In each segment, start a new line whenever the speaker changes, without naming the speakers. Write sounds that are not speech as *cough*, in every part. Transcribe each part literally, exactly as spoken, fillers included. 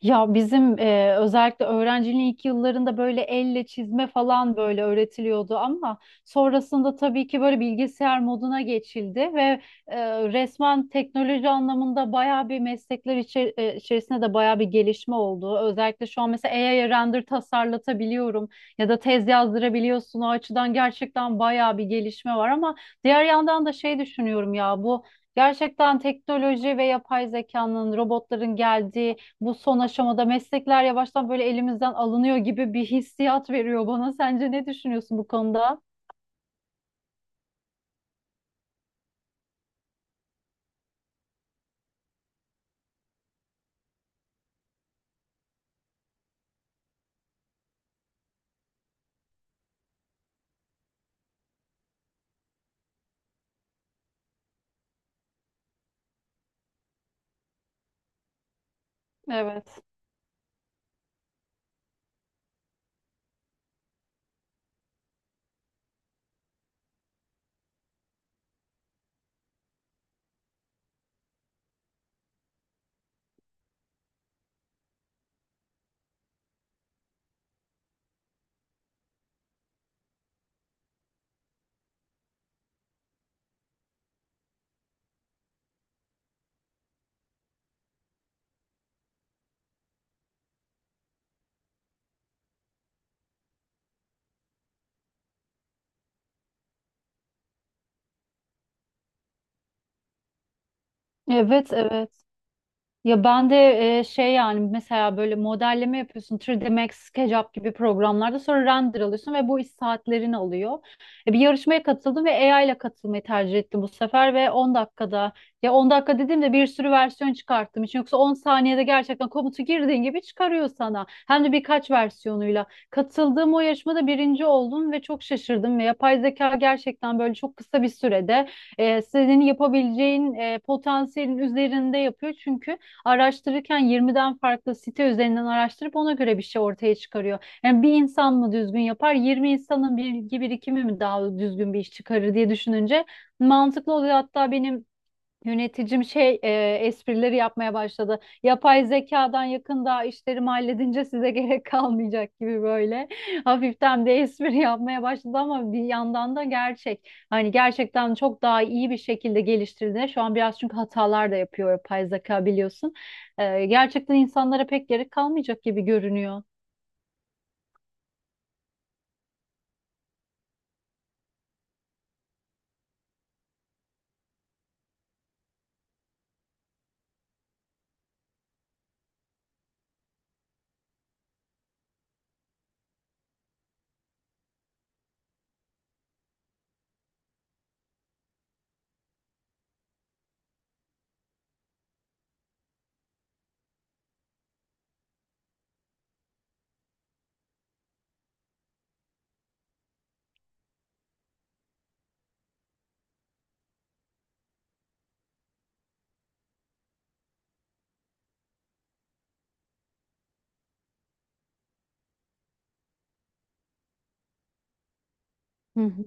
Ya bizim e, özellikle öğrenciliğin ilk yıllarında böyle elle çizme falan böyle öğretiliyordu, ama sonrasında tabii ki böyle bilgisayar moduna geçildi ve e, resmen teknoloji anlamında bayağı bir meslekler içer- e, içerisinde de bayağı bir gelişme oldu. Özellikle şu an mesela A I'ye render tasarlatabiliyorum ya da tez yazdırabiliyorsun. O açıdan gerçekten bayağı bir gelişme var, ama diğer yandan da şey düşünüyorum ya, bu gerçekten teknoloji ve yapay zekanın, robotların geldiği bu son aşamada meslekler yavaştan böyle elimizden alınıyor gibi bir hissiyat veriyor bana. Sence ne düşünüyorsun bu konuda? Evet. Evet, evet. Ya ben de e, şey, yani mesela böyle modelleme yapıyorsun üç D Max, SketchUp gibi programlarda, sonra render alıyorsun ve bu iş saatlerini alıyor. E, bir yarışmaya katıldım ve A I ile katılmayı tercih ettim bu sefer ve on dakikada, ya on dakika dediğimde bir sürü versiyon çıkarttım için, yoksa on saniyede gerçekten komutu girdiğin gibi çıkarıyor sana, hem de birkaç versiyonuyla. Katıldığım o yarışmada birinci oldum ve çok şaşırdım ve yapay zeka gerçekten böyle çok kısa bir sürede e, senin yapabileceğin e, potansiyelin üzerinde yapıyor, çünkü araştırırken yirmiden farklı site üzerinden araştırıp ona göre bir şey ortaya çıkarıyor. Yani bir insan mı düzgün yapar, yirmi insanın bilgi birikimi mi daha düzgün bir iş çıkarır diye düşününce mantıklı oluyor. Hatta benim yöneticim şey e, esprileri yapmaya başladı. "Yapay zekadan yakında işlerimi halledince size *laughs* gerek kalmayacak" gibi böyle. *laughs* Hafiften de espri yapmaya başladı, ama bir yandan da gerçek. Hani gerçekten çok daha iyi bir şekilde geliştirdi şu an biraz, çünkü hatalar da yapıyor yapay zeka, biliyorsun. E, gerçekten insanlara pek gerek kalmayacak gibi görünüyor. Hı hı.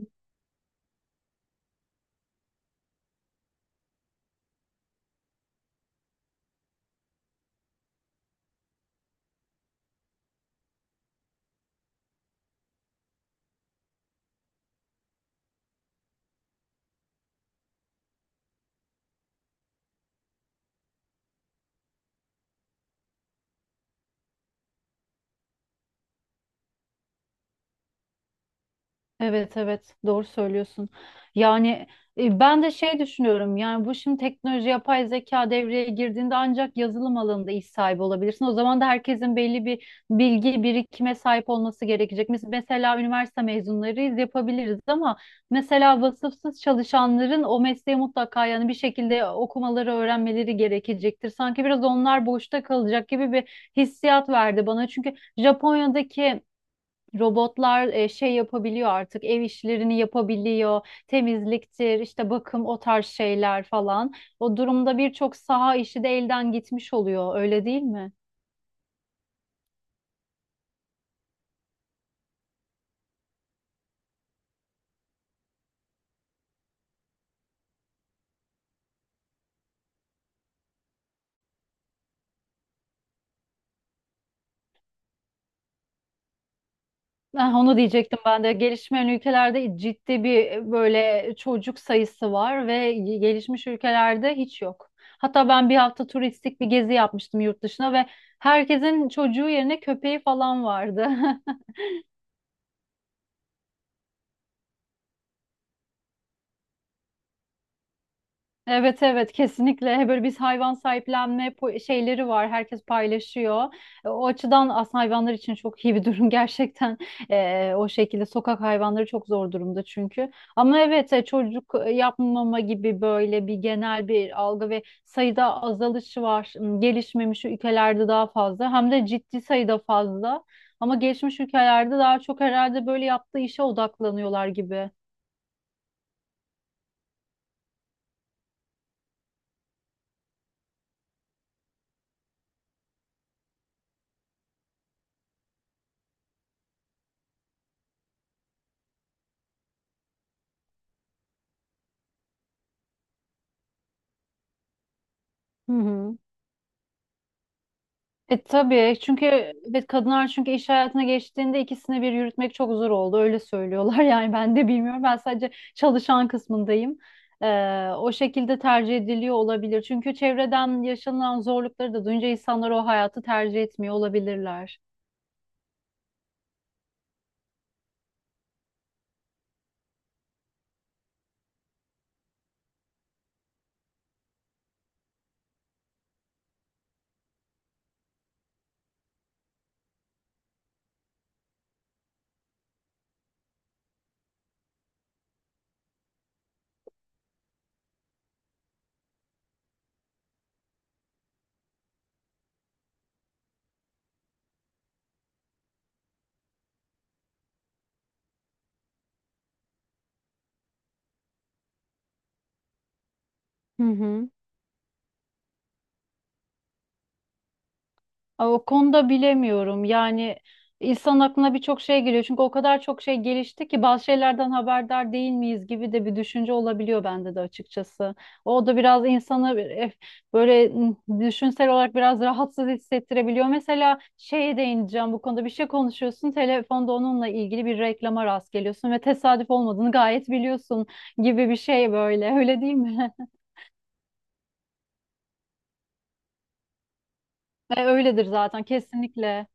Evet, evet, doğru söylüyorsun. Yani e, ben de şey düşünüyorum, yani bu şimdi teknoloji, yapay zeka devreye girdiğinde ancak yazılım alanında iş sahibi olabilirsin. O zaman da herkesin belli bir bilgi birikime sahip olması gerekecek. Mes- Mesela üniversite mezunlarıyız, yapabiliriz, ama mesela vasıfsız çalışanların o mesleği mutlaka, yani bir şekilde okumaları, öğrenmeleri gerekecektir. Sanki biraz onlar boşta kalacak gibi bir hissiyat verdi bana. Çünkü Japonya'daki robotlar e, şey yapabiliyor artık, ev işlerini yapabiliyor, temizliktir işte, bakım, o tarz şeyler falan. O durumda birçok saha işi de elden gitmiş oluyor, öyle değil mi? Ah, onu diyecektim ben de, gelişmeyen ülkelerde ciddi bir e, böyle çocuk sayısı var ve gelişmiş ülkelerde hiç yok. Hatta ben bir hafta turistik bir gezi yapmıştım yurt dışına ve herkesin çocuğu yerine köpeği falan vardı. *laughs* Evet, evet, kesinlikle böyle. Biz hayvan sahiplenme po- şeyleri var, herkes paylaşıyor. E, o açıdan aslında hayvanlar için çok iyi bir durum *laughs* gerçekten. E, o şekilde sokak hayvanları çok zor durumda, çünkü... Ama evet, e, çocuk e, yapmama gibi böyle bir genel bir algı ve sayıda azalışı var. Hmm, gelişmemiş ülkelerde daha fazla, hem de ciddi sayıda fazla, ama gelişmiş ülkelerde daha çok herhalde böyle yaptığı işe odaklanıyorlar gibi. Hı hı. E tabii, çünkü... Evet, kadınlar çünkü iş hayatına geçtiğinde ikisini bir yürütmek çok zor oldu öyle söylüyorlar. *laughs* Yani ben de bilmiyorum, ben sadece çalışan kısmındayım. Ee, o şekilde tercih ediliyor olabilir, çünkü çevreden yaşanılan zorlukları da duyunca insanlar o hayatı tercih etmiyor olabilirler. Hı hı. Ay, o konuda bilemiyorum. Yani insan aklına birçok şey geliyor. Çünkü o kadar çok şey gelişti ki, bazı şeylerden haberdar değil miyiz gibi de bir düşünce olabiliyor bende de açıkçası. O da biraz insanı eh, böyle mm, düşünsel olarak biraz rahatsız hissettirebiliyor. Mesela şeye değineceğim: bu konuda bir şey konuşuyorsun, telefonda onunla ilgili bir reklama rast geliyorsun ve tesadüf olmadığını gayet biliyorsun gibi bir şey böyle. Öyle değil mi? *laughs* E, Öyledir zaten, kesinlikle.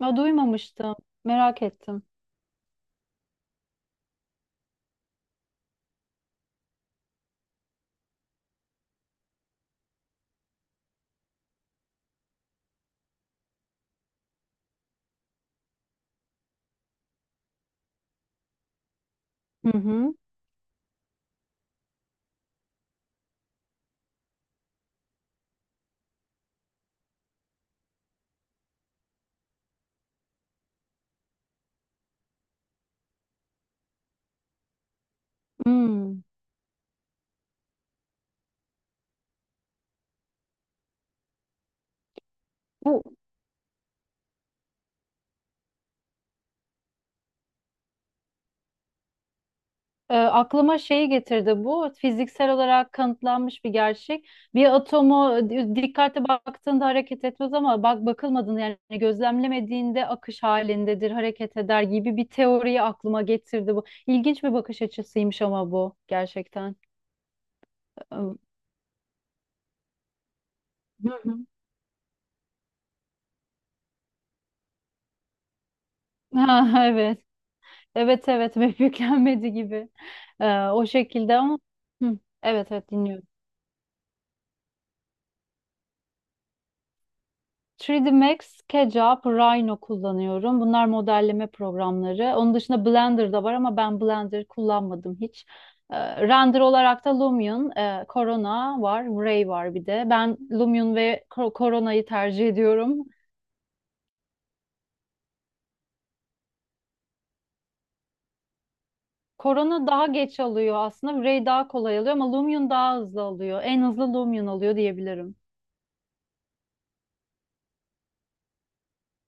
Ya, duymamıştım. Merak ettim. Hı hı. Hmm. Bu e, aklıma şeyi getirdi, bu fiziksel olarak kanıtlanmış bir gerçek. Bir atomu di- dikkatli baktığında hareket etmez, ama bak bakılmadığında, yani gözlemlemediğinde akış halindedir, hareket eder gibi bir teoriyi aklıma getirdi bu. İlginç bir bakış açısıymış ama bu, gerçekten. Ee, Hı hı. *laughs* Ha, evet. Evet, evet, ve *laughs* yüklenmedi gibi. Ee, o şekilde, ama... Hı, evet, evet, dinliyorum. üç D Max, SketchUp, Rhino kullanıyorum. Bunlar modelleme programları. Onun dışında Blender da var, ama ben Blender kullanmadım hiç. Ee, render olarak da Lumion, e, Corona var, Ray var bir de. Ben Lumion ve Cor- Corona'yı tercih ediyorum. Corona daha geç alıyor aslında. Ray daha kolay alıyor, ama Lumion daha hızlı alıyor. En hızlı Lumion alıyor diyebilirim.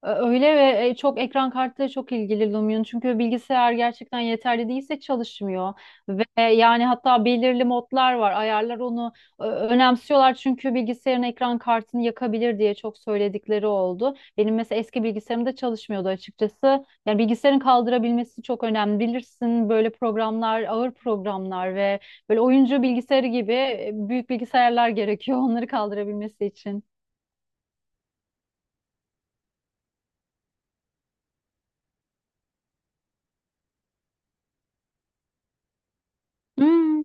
Öyle, ve e, çok ekran kartı çok ilgili Lumion. Çünkü bilgisayar gerçekten yeterli değilse çalışmıyor. Ve e, yani hatta belirli modlar var. Ayarlar, onu ö, önemsiyorlar. Çünkü bilgisayarın ekran kartını yakabilir diye çok söyledikleri oldu. Benim mesela eski bilgisayarımda çalışmıyordu açıkçası. Yani bilgisayarın kaldırabilmesi çok önemli. Bilirsin, böyle programlar, ağır programlar ve böyle oyuncu bilgisayarı gibi e, büyük bilgisayarlar gerekiyor *laughs* onları kaldırabilmesi için. Hmm.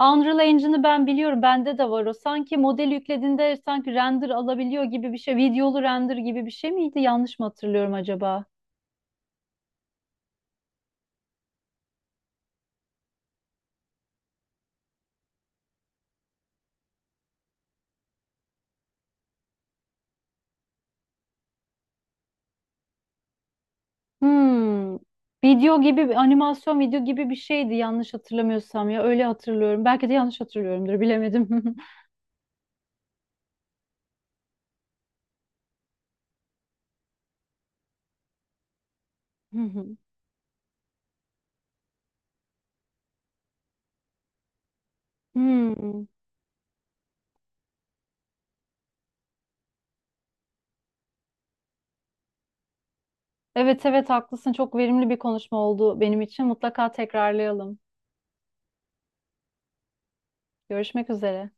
Unreal Engine'ı ben biliyorum, bende de var o. Sanki model yüklediğinde sanki render alabiliyor gibi bir şey. Videolu render gibi bir şey miydi? Yanlış mı hatırlıyorum acaba? Hmm. Video gibi, bir- animasyon video gibi bir şeydi yanlış hatırlamıyorsam ya. Öyle hatırlıyorum. Belki de yanlış hatırlıyorumdur, bilemedim. *laughs* Hı hı. Hmm. Evet, evet, haklısın. Çok verimli bir konuşma oldu benim için. Mutlaka tekrarlayalım. Görüşmek üzere.